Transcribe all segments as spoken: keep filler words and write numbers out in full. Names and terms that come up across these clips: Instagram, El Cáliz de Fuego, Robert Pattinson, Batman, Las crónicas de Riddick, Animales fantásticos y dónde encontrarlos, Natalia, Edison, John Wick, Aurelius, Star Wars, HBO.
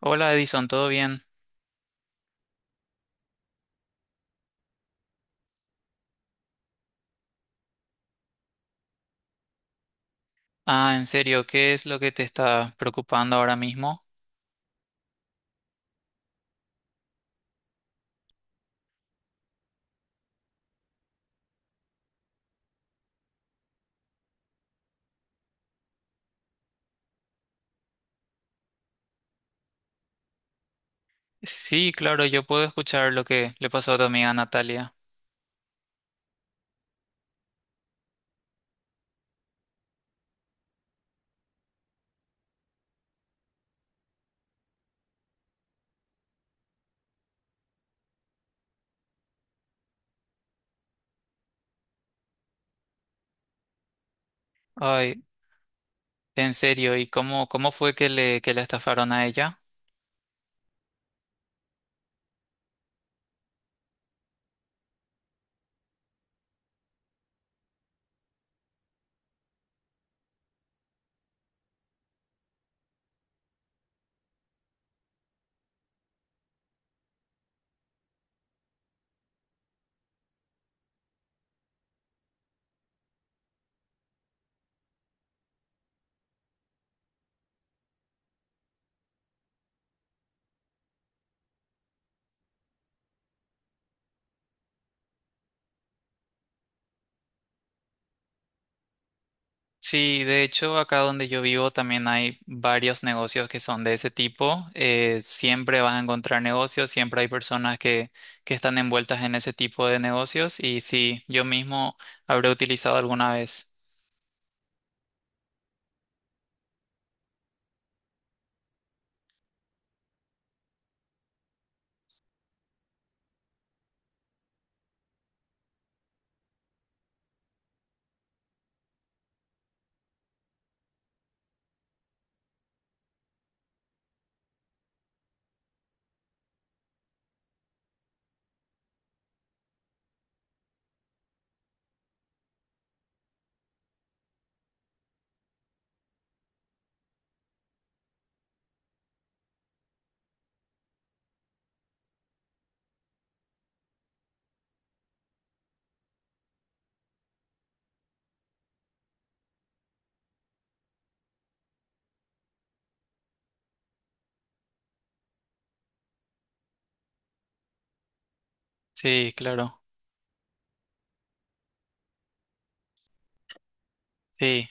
Hola Edison, ¿todo bien? Ah, en serio, ¿qué es lo que te está preocupando ahora mismo? Sí, claro, yo puedo escuchar lo que le pasó a tu amiga Natalia. Ay, en serio, ¿y cómo, cómo fue que le, que la estafaron a ella? Sí, de hecho, acá donde yo vivo también hay varios negocios que son de ese tipo. Eh, siempre vas a encontrar negocios, siempre hay personas que, que están envueltas en ese tipo de negocios y sí, yo mismo habré utilizado alguna vez. Sí, claro. Sí.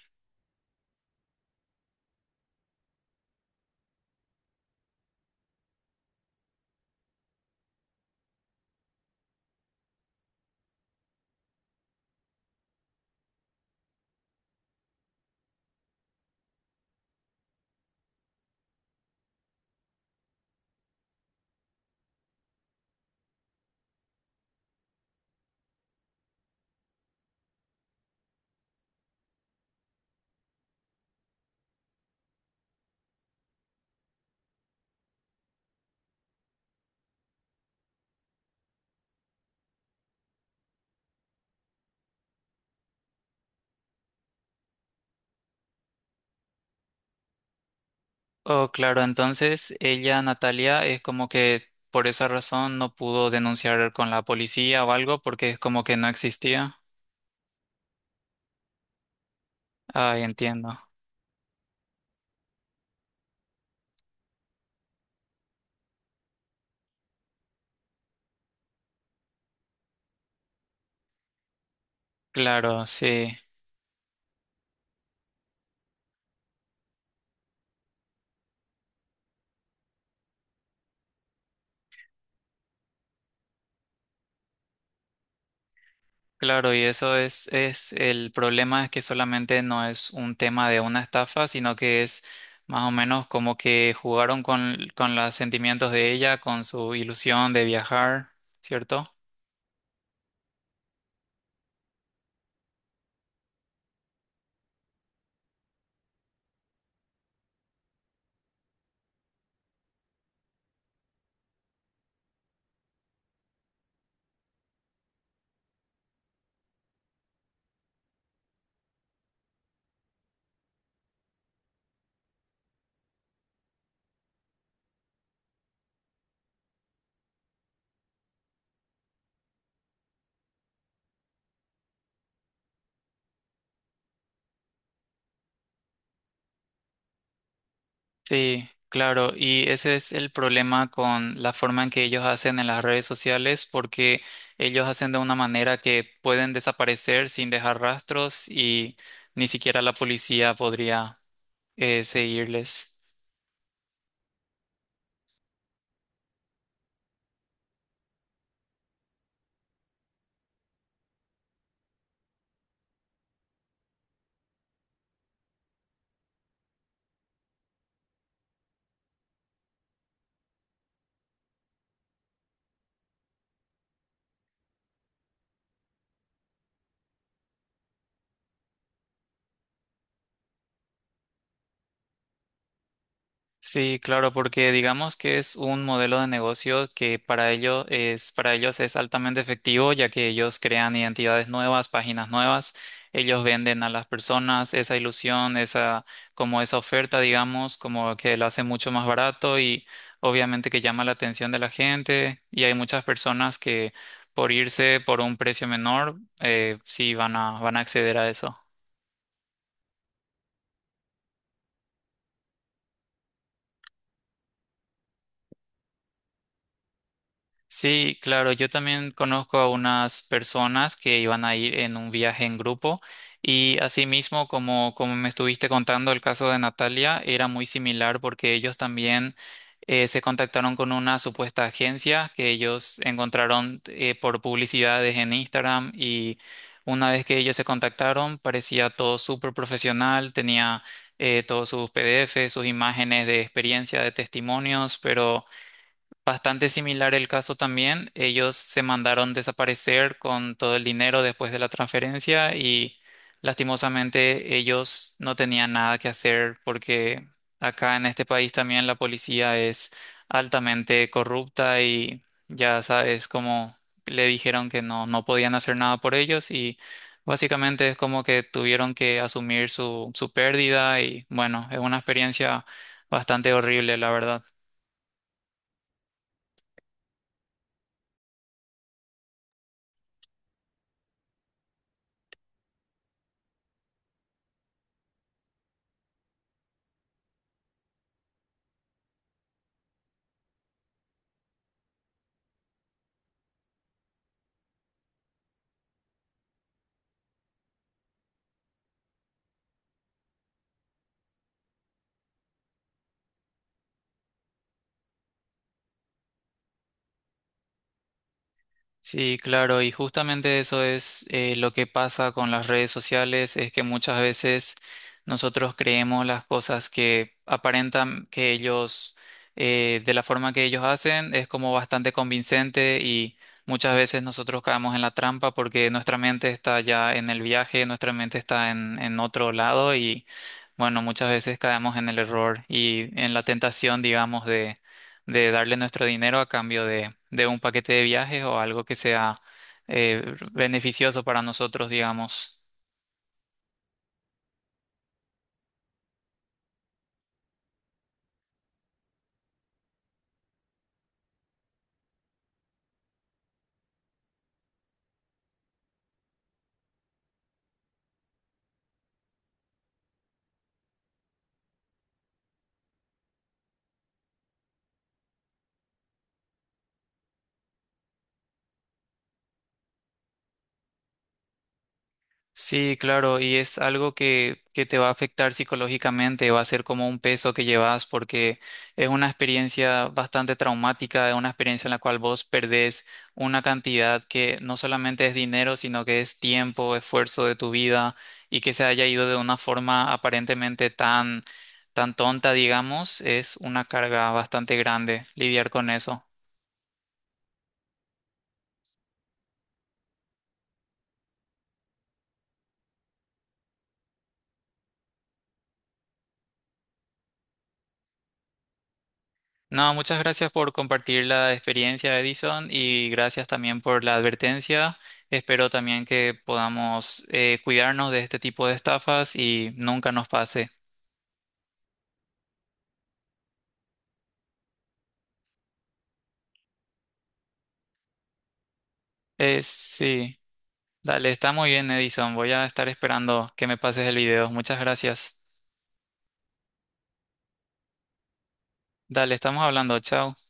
Oh, claro, entonces ella, Natalia, es como que por esa razón no pudo denunciar con la policía o algo porque es como que no existía. Ay, entiendo. Claro, sí, claro, y eso es, es el problema es que solamente no es un tema de una estafa, sino que es más o menos como que jugaron con, con los sentimientos de ella, con su ilusión de viajar, ¿cierto? Sí, claro, y ese es el problema con la forma en que ellos hacen en las redes sociales, porque ellos hacen de una manera que pueden desaparecer sin dejar rastros y ni siquiera la policía podría eh, seguirles. Sí, claro, porque digamos que es un modelo de negocio que para ello es, para ellos es altamente efectivo, ya que ellos crean identidades nuevas, páginas nuevas, ellos venden a las personas esa ilusión, esa, como esa oferta, digamos, como que lo hace mucho más barato y obviamente que llama la atención de la gente y hay muchas personas que por irse por un precio menor, eh, sí van a, van a acceder a eso. Sí, claro, yo también conozco a unas personas que iban a ir en un viaje en grupo y asimismo, como, como me estuviste contando el caso de Natalia, era muy similar porque ellos también eh, se contactaron con una supuesta agencia que ellos encontraron eh, por publicidades en Instagram y una vez que ellos se contactaron parecía todo súper profesional, tenía eh, todos sus P D F, sus imágenes de experiencia, de testimonios, pero... Bastante similar el caso también. Ellos se mandaron desaparecer con todo el dinero después de la transferencia y lastimosamente ellos no tenían nada que hacer porque acá en este país también la policía es altamente corrupta y ya sabes como le dijeron que no, no podían hacer nada por ellos y básicamente es como que tuvieron que asumir su, su pérdida y bueno, es una experiencia bastante horrible, la verdad. Sí, claro, y justamente eso es eh, lo que pasa con las redes sociales, es que muchas veces nosotros creemos las cosas que aparentan que ellos, eh, de la forma que ellos hacen, es como bastante convincente y muchas veces nosotros caemos en la trampa porque nuestra mente está ya en el viaje, nuestra mente está en, en otro lado y bueno, muchas veces caemos en el error y en la tentación, digamos, de darle nuestro dinero a cambio de, de un paquete de viajes o algo que sea eh, beneficioso para nosotros, digamos. Sí, claro, y es algo que, que te va a afectar psicológicamente, va a ser como un peso que llevas porque es una experiencia bastante traumática, es una experiencia en la cual vos perdés una cantidad que no solamente es dinero, sino que es tiempo, esfuerzo de tu vida y que se haya ido de una forma aparentemente tan, tan tonta, digamos, es una carga bastante grande lidiar con eso. No, muchas gracias por compartir la experiencia, Edison, y gracias también por la advertencia. Espero también que podamos eh, cuidarnos de este tipo de estafas y nunca nos pase. Eh, sí, dale, está muy bien, Edison. Voy a estar esperando que me pases el video. Muchas gracias. Dale, estamos hablando. Chao.